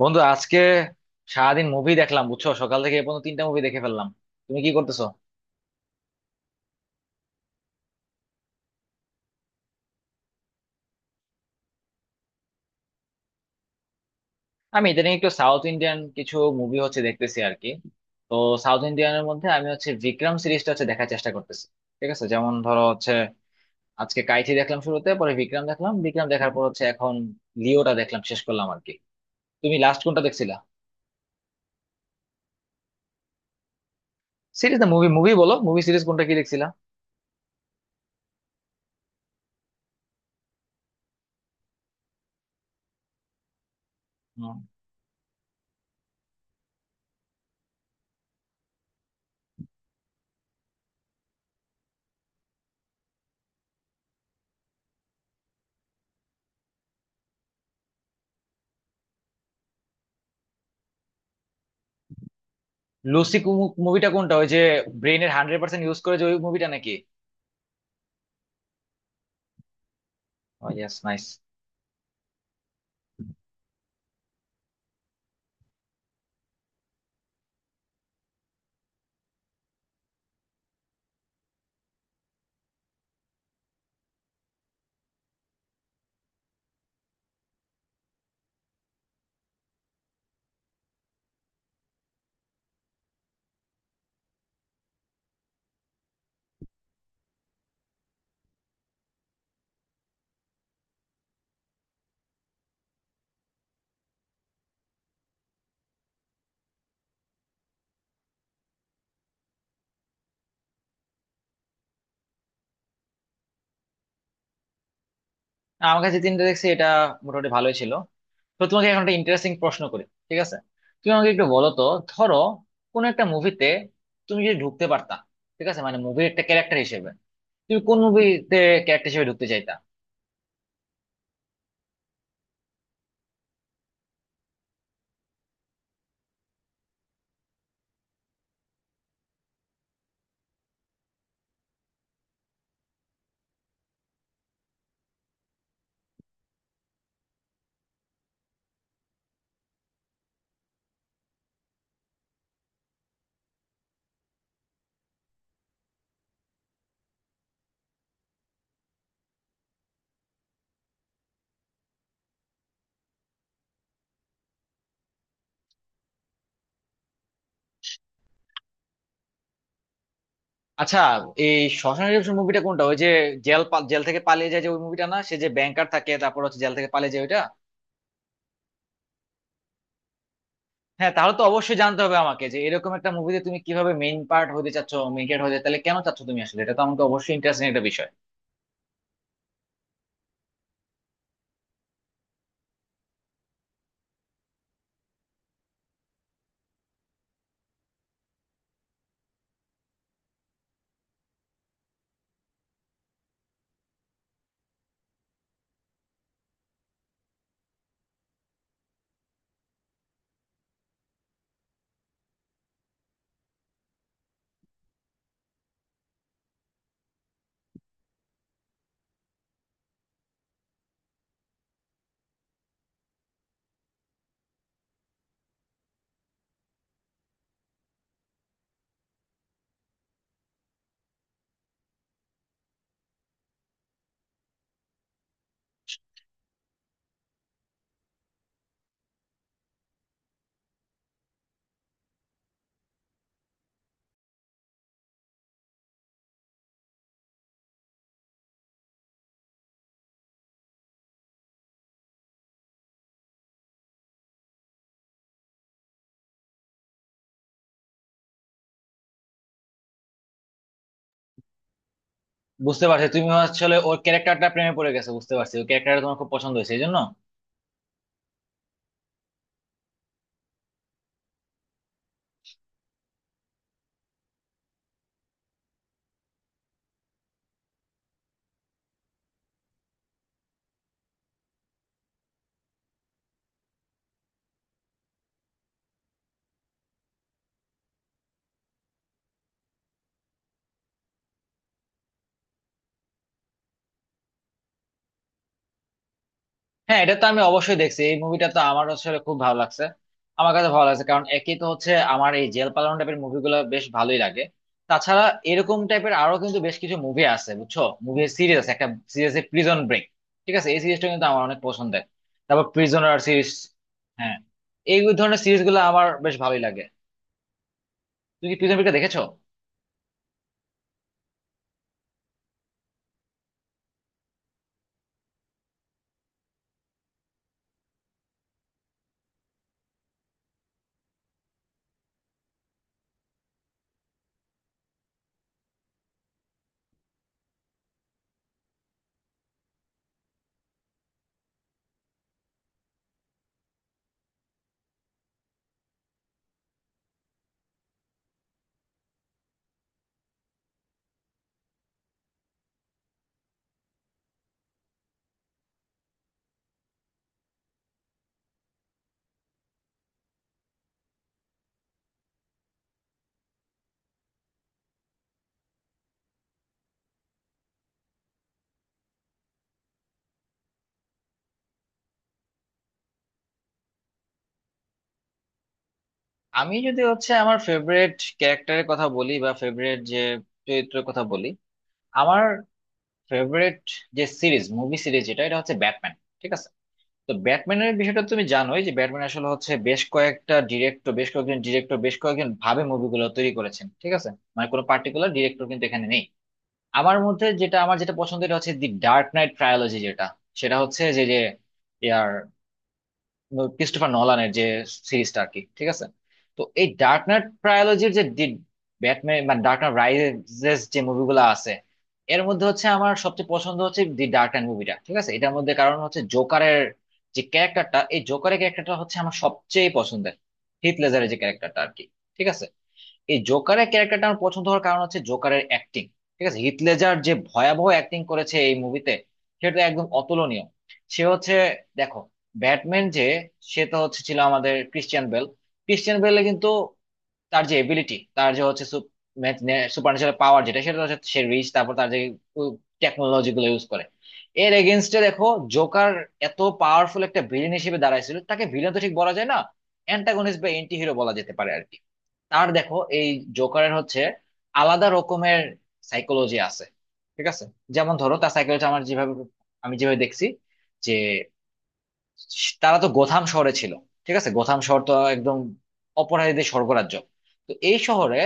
বন্ধু আজকে সারাদিন মুভি দেখলাম, বুঝছো? সকাল থেকে এ পর্যন্ত তিনটা মুভি দেখে ফেললাম। তুমি কি করতেছো? আমি ইদানিং একটু সাউথ ইন্ডিয়ান কিছু মুভি হচ্ছে দেখতেছি আর কি। তো সাউথ ইন্ডিয়ানের মধ্যে আমি হচ্ছে বিক্রম সিরিজটা হচ্ছে দেখার চেষ্টা করতেছি। ঠিক আছে, যেমন ধরো হচ্ছে আজকে কাইথি দেখলাম শুরুতে, পরে বিক্রম দেখলাম, বিক্রম দেখার পর হচ্ছে এখন লিওটা দেখলাম, শেষ করলাম আর কি। তুমি লাস্ট কোনটা দেখছিলা? সিরিজ না মুভি, মুভি বলো, মুভি সিরিজ কোনটা কি দেখছিলা? হুম। লুসি মুভিটা কোনটা, ওই যে ব্রেনের 100% ইউজ করে, যে ওই মুভিটা নাকি? ও ইয়েস, নাইস। আমার কাছে তিনটা দেখছি, এটা মোটামুটি ভালোই ছিল। তো তোমাকে এখন একটা ইন্টারেস্টিং প্রশ্ন করি, ঠিক আছে? তুমি আমাকে একটু বলো তো, ধরো কোন একটা মুভিতে তুমি যদি ঢুকতে পারতা, ঠিক আছে, মানে মুভির একটা ক্যারেক্টার হিসেবে, তুমি কোন মুভিতে ক্যারেক্টার হিসেবে ঢুকতে চাইতা? আচ্ছা, এই শশাঙ্ক রিডেম্পশন মুভিটা কোনটা, ওই যে জেল থেকে পালিয়ে যায় যে ওই মুভিটা না, সে যে ব্যাংকার থাকে তারপর হচ্ছে জেল থেকে পালিয়ে যায় ওইটা? হ্যাঁ, তাহলে তো অবশ্যই জানতে হবে আমাকে যে এরকম একটা মুভিতে তুমি কিভাবে মেইন পার্ট হতে চাচ্ছ, মেইন ক্যারেক্টার হতে তাহলে কেন চাচ্ছ তুমি আসলে, এটা তো আমাকে অবশ্যই ইন্টারেস্টিং একটা বিষয়। বুঝতে পারছি, তুমি আসলে ওর ক্যারেক্টারটা প্রেমে পড়ে গেছো, বুঝতে পারছি ওই ক্যারেক্টারটা তোমার খুব পছন্দ হয়েছে এই জন্য। হ্যাঁ, এটা তো আমি অবশ্যই দেখছি, এই মুভিটা তো আমার আসলে খুব ভালো লাগছে। আমার কাছে ভালো লাগছে কারণ একই তো হচ্ছে, আমার এই জেল পালানো টাইপের মুভিগুলো বেশ ভালোই লাগে। তাছাড়া এরকম টাইপের আরো কিন্তু বেশ কিছু মুভি আছে বুঝছো, মুভি সিরিজ আছে একটা সিরিজ, প্রিজন ব্রেক, ঠিক আছে, এই সিরিজটা কিন্তু আমার অনেক পছন্দের। তারপর প্রিজনার সিরিজ, হ্যাঁ, এই ধরনের সিরিজ গুলো আমার বেশ ভালোই লাগে। তুমি কি প্রিজন ব্রেকটা দেখেছো? আমি যদি হচ্ছে আমার ফেভারিট ক্যারেক্টারের কথা বলি বা ফেভারিট যে চরিত্রের কথা বলি, আমার ফেভারিট যে সিরিজ, মুভি সিরিজ যেটা, এটা হচ্ছে ব্যাটম্যান, ঠিক আছে। তো ব্যাটম্যানের বিষয়টা তুমি জানোই যে ব্যাটম্যান আসলে হচ্ছে বেশ কয়েকটা ডিরেক্টর, বেশ কয়েকজন ডিরেক্টর বেশ কয়েকজন ভাবে মুভিগুলো তৈরি করেছেন, ঠিক আছে। মানে কোনো পার্টিকুলার ডিরেক্টর কিন্তু এখানে নেই। আমার মধ্যে যেটা, আমার যেটা পছন্দ, এটা হচ্ছে দি ডার্ক নাইট ট্রায়োলজি, যেটা সেটা হচ্ছে যে যে ক্রিস্টোফার নলানের যে সিরিজটা আর কি, ঠিক আছে। তো এই ডার্ক নাইট ট্রায়োলজির যে ব্যাটম্যান মানে ডার্ক নাইট রাইজেস যে মুভিগুলো আছে, এর মধ্যে হচ্ছে আমার সবচেয়ে পছন্দ হচ্ছে দি ডার্ক নাইট মুভিটা, ঠিক আছে। এটার মধ্যে কারণ হচ্ছে জোকারের যে ক্যারেক্টারটা, এই জোকারের ক্যারেক্টারটা হচ্ছে আমার সবচেয়ে পছন্দের, হিথ লেজারের যে ক্যারেক্টারটা আর কি, ঠিক আছে। এই জোকারের ক্যারেক্টারটা আমার পছন্দ হওয়ার কারণ হচ্ছে জোকারের অ্যাক্টিং, ঠিক আছে, হিথ লেজার যে ভয়াবহ অ্যাক্টিং করেছে এই মুভিতে, সেটা একদম অতুলনীয়। সে হচ্ছে, দেখো, ব্যাটম্যান যে, সে তো হচ্ছে ছিল আমাদের ক্রিশ্চিয়ান বেল, ক্রিশ্চিয়ান বেলে কিন্তু তার যে এবিলিটি, তার যে হচ্ছে সুপার ন্যাচারাল পাওয়ার যেটা, সেটা হচ্ছে সে রিচ, তারপর তার যে টেকনোলজি গুলো ইউজ করে, এর এগেনস্টে দেখো জোকার এত পাওয়ারফুল একটা ভিলেন হিসেবে দাঁড়াইছিল, তাকে ভিলেন তো ঠিক বলা যায় না, অ্যান্টাগনিস্ট বা এন্টি হিরো বলা যেতে পারে আর কি। তার দেখো, এই জোকারের হচ্ছে আলাদা রকমের সাইকোলজি আছে, ঠিক আছে। যেমন ধরো তার সাইকোলজি আমার যেভাবে, আমি যেভাবে দেখছি যে, তারা তো গোথাম শহরে ছিল, ঠিক আছে, গোথাম শহর তো একদম অপরাধীদের স্বর্গরাজ্য। তো এই শহরে,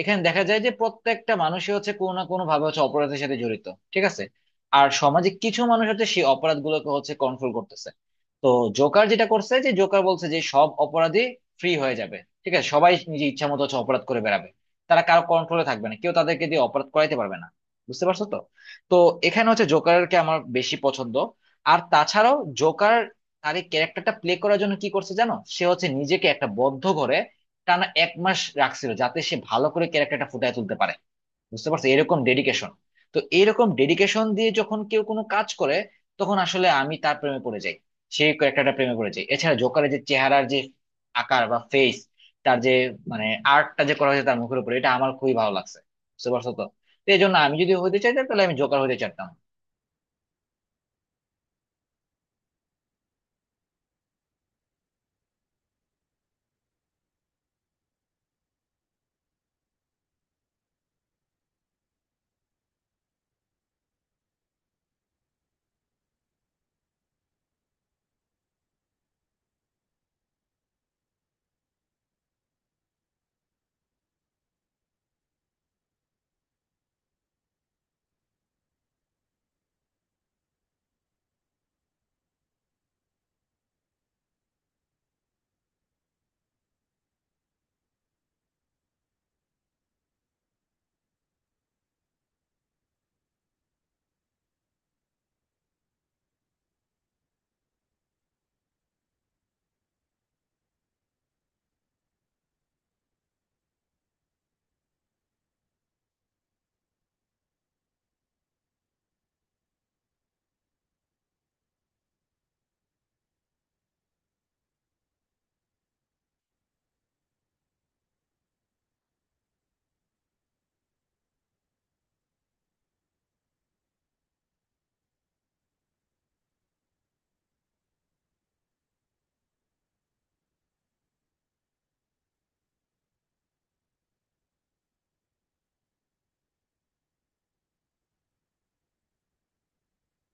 এখানে দেখা যায় যে প্রত্যেকটা মানুষই হচ্ছে কোনো না কোনো ভাবে হচ্ছে অপরাধের সাথে জড়িত, ঠিক আছে। আর সমাজে কিছু মানুষ হচ্ছে সেই অপরাধগুলোকে হচ্ছে কন্ট্রোল করতেছে। তো জোকার যেটা করছে, যে জোকার বলছে যে সব অপরাধী ফ্রি হয়ে যাবে, ঠিক আছে, সবাই নিজের ইচ্ছা মতো হচ্ছে অপরাধ করে বেড়াবে, তারা কারো কন্ট্রোলে থাকবে না, কেউ তাদেরকে দিয়ে অপরাধ করাইতে পারবে না, বুঝতে পারছো তো? তো এখানে হচ্ছে জোকারকে আমার বেশি পছন্দ। আর তাছাড়াও জোকার, আর এই ক্যারেক্টারটা প্লে করার জন্য কি করছে জানো, সে হচ্ছে নিজেকে একটা বদ্ধ ঘরে টানা এক মাস রাখছিল যাতে সে ভালো করে ক্যারেক্টারটা ফুটিয়ে তুলতে পারে, বুঝতে পারছো এরকম ডেডিকেশন? তো এরকম ডেডিকেশন দিয়ে যখন কেউ কোনো কাজ করে, তখন আসলে আমি তার প্রেমে পড়ে যাই, সেই ক্যারেক্টারটা প্রেমে পড়ে যাই। এছাড়া জোকারের যে চেহারার যে আকার বা ফেস, তার যে, মানে আর্টটা যে করা হয়েছে তার মুখের উপরে, এটা আমার খুবই ভালো লাগছে, বুঝতে পারছো তো? তো এই জন্য আমি যদি হতে চাইতাম তাহলে আমি জোকার হতে চাইতাম।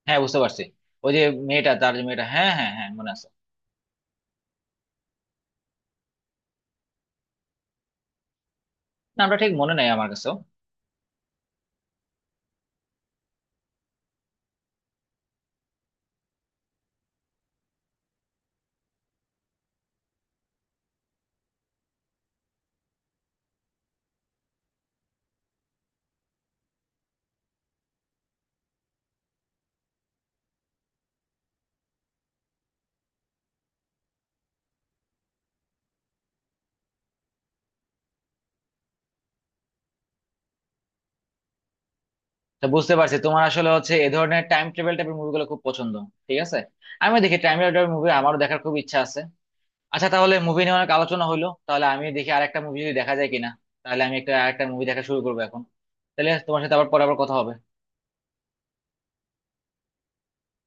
হ্যাঁ, বুঝতে পারছি, ওই যে মেয়েটা, তার যে মেয়েটা, হ্যাঁ হ্যাঁ হ্যাঁ, মনে আছে। নামটা ঠিক মনে নেই আমার কাছেও। তো বুঝতে পারছি, তোমার আসলে হচ্ছে এ ধরনের টাইম ট্রাভেল টাইপের মুভিগুলো খুব পছন্দ, ঠিক আছে। আমি দেখি, টাইম ট্রাভেল মুভি আমারও দেখার খুব ইচ্ছা আছে। আচ্ছা, তাহলে মুভি নিয়ে অনেক আলোচনা হলো, তাহলে আমি দেখি আরেকটা মুভি যদি দেখা যায় কিনা। তাহলে আমি একটা আরেকটা মুভি দেখা শুরু করবো এখন, তাহলে তোমার সাথে আবার পরে আবার কথা হবে।